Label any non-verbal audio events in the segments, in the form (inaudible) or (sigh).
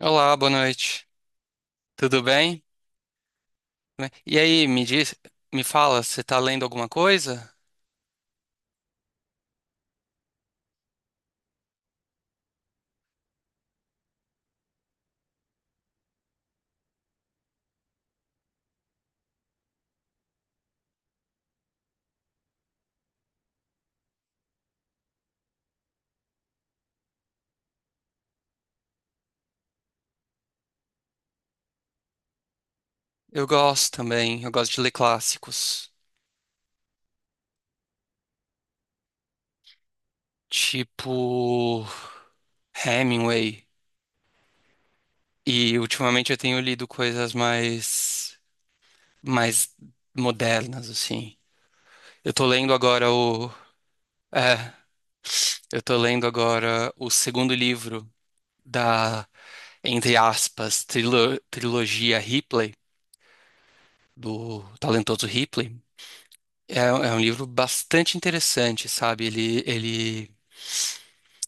Olá, boa noite. Tudo bem? Tudo bem? E aí, me diz, me fala, você tá lendo alguma coisa? Eu gosto também, eu gosto de ler clássicos, tipo Hemingway. E ultimamente eu tenho lido coisas mais modernas, assim. Eu tô lendo agora o, é, eu tô lendo agora o segundo livro da, entre aspas, trilogia Ripley, do talentoso Ripley. É, é um livro bastante interessante, sabe? Ele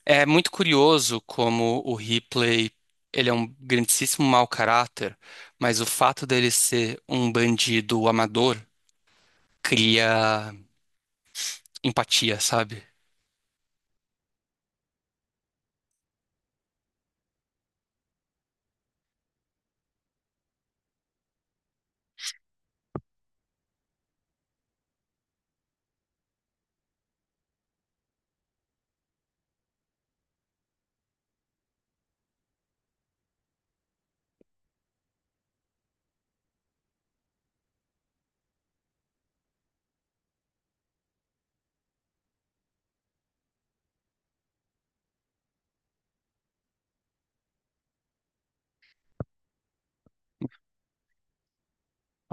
é muito curioso como o Ripley, ele é um grandíssimo mau caráter, mas o fato dele ser um bandido amador cria empatia, sabe?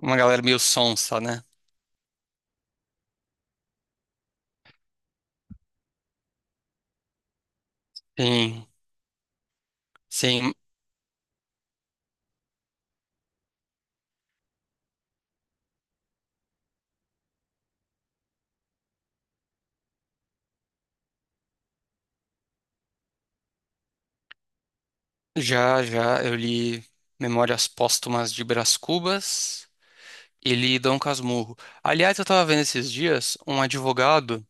Uma galera meio sonsa, né? Sim, sim. Já, já eu li Memórias Póstumas de Brás Cubas e li Dom Casmurro. Aliás, eu tava vendo esses dias um advogado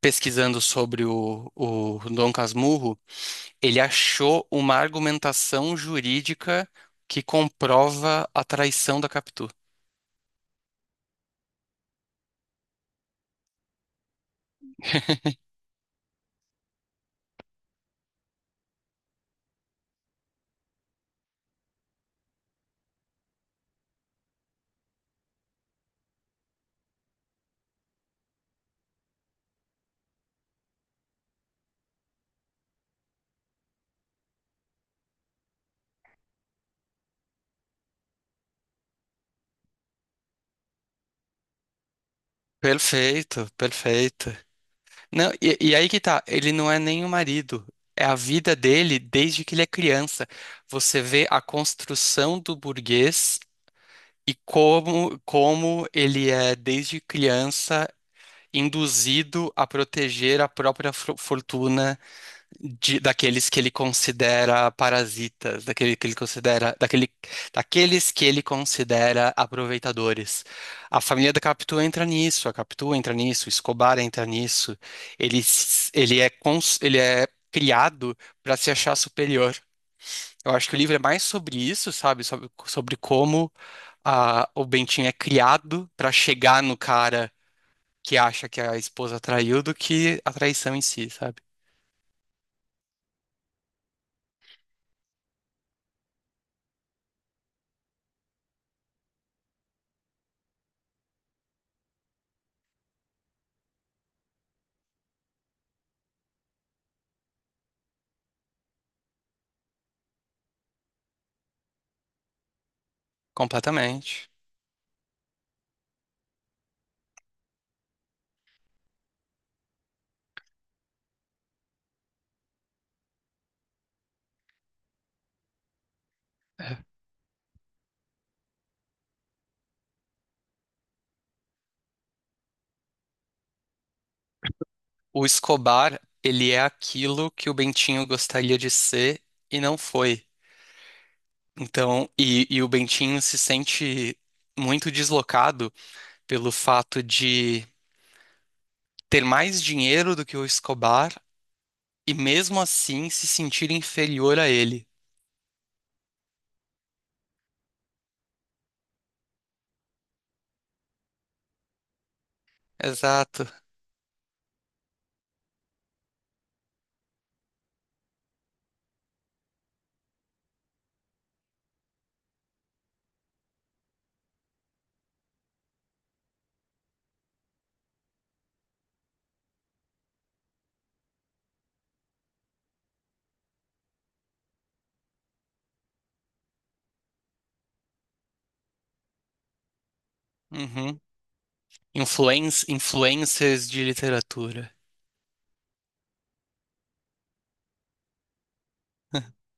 pesquisando sobre o Dom Casmurro, ele achou uma argumentação jurídica que comprova a traição da Capitu. Perfeito, perfeito. Não, e aí que tá, ele não é nem o marido, é a vida dele desde que ele é criança. Você vê a construção do burguês e como, como ele é, desde criança, induzido a proteger a própria fortuna daqueles que ele considera parasitas, daquele que ele considera, daquele, daqueles que ele considera aproveitadores. A família da Capitu entra nisso, a Capitu entra nisso, o Escobar entra nisso. Ele, s- ele é, cons- ele é criado para se achar superior. Eu acho que o livro é mais sobre isso, sabe? Sobre, sobre como o Bentinho é criado para chegar no cara que acha que a esposa traiu do que a traição em si, sabe? Completamente. O Escobar, ele é aquilo que o Bentinho gostaria de ser e não foi. Então, e o Bentinho se sente muito deslocado pelo fato de ter mais dinheiro do que o Escobar e mesmo assim se sentir inferior a ele. Exato. Uhum. Influencers de literatura. (laughs)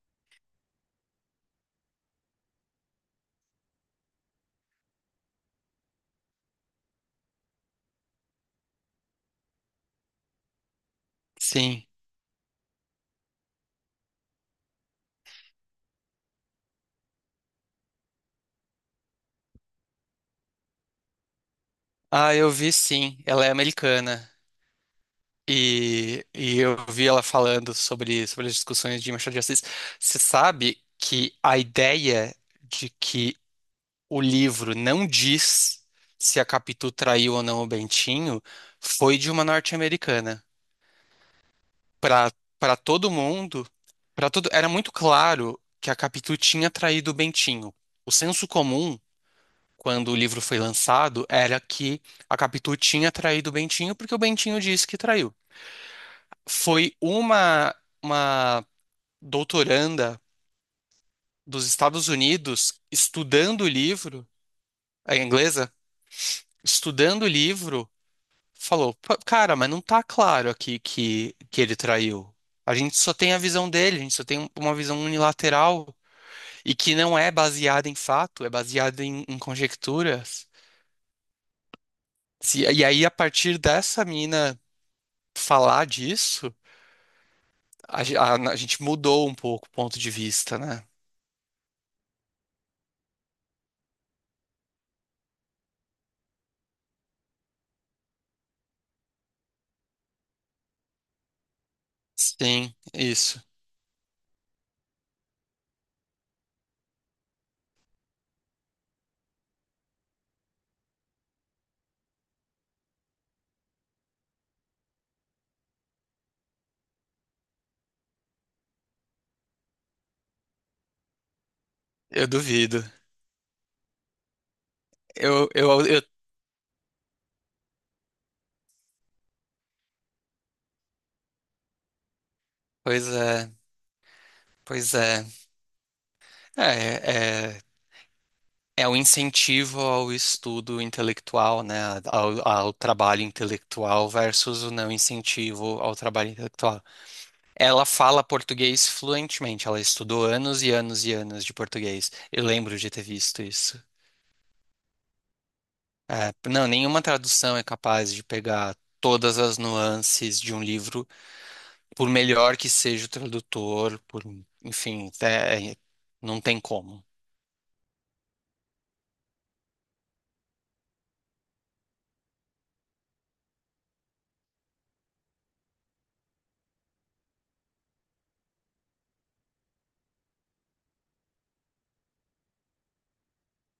Sim. Ah, eu vi sim. Ela é americana. E eu vi ela falando sobre, sobre as discussões de Machado de Assis. Você sabe que a ideia de que o livro não diz se a Capitu traiu ou não o Bentinho foi de uma norte-americana. Para para todo mundo, para todo, era muito claro que a Capitu tinha traído o Bentinho. O senso comum, quando o livro foi lançado, era que a Capitu tinha traído o Bentinho porque o Bentinho disse que traiu. Foi uma doutoranda dos Estados Unidos estudando o livro, a inglesa, estudando o livro, falou: "Pô, cara, mas não tá claro aqui que ele traiu. A gente só tem a visão dele, a gente só tem uma visão unilateral e que não é baseada em fato, é baseada em conjecturas. E aí, a partir dessa mina falar disso, a gente mudou um pouco o ponto de vista, né? Sim, isso. Eu duvido. Eu, pois é, pois é. É, é, é um incentivo ao estudo intelectual, né? Ao trabalho intelectual versus o não incentivo ao trabalho intelectual. Ela fala português fluentemente, ela estudou anos e anos e anos de português. Eu lembro de ter visto isso. É, não, nenhuma tradução é capaz de pegar todas as nuances de um livro por melhor que seja o tradutor, por, enfim, não tem como. (laughs)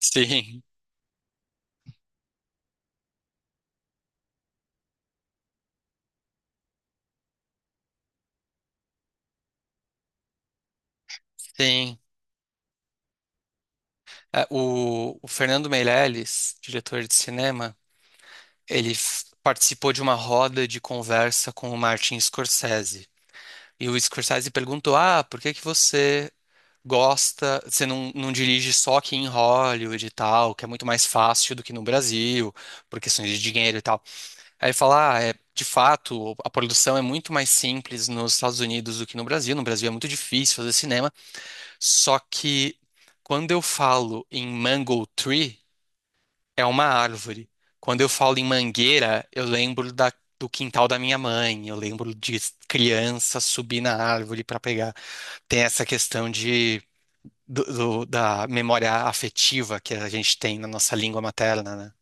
Sim, sim. É, o Fernando Meirelles, diretor de cinema, ele participou de uma roda de conversa com o Martin Scorsese. E o Scorsese perguntou: Ah, por que que você gosta, você não, não dirige só aqui em Hollywood e tal, que é muito mais fácil do que no Brasil, por questões de dinheiro e tal. Aí falar, ah, é, de fato, a produção é muito mais simples nos Estados Unidos do que no Brasil. No Brasil é muito difícil fazer cinema. Só que quando eu falo em mango tree, é uma árvore. Quando eu falo em mangueira, eu lembro do quintal da minha mãe. Eu lembro de criança subir na árvore para pegar. Tem essa questão de, da memória afetiva que a gente tem na nossa língua materna, né?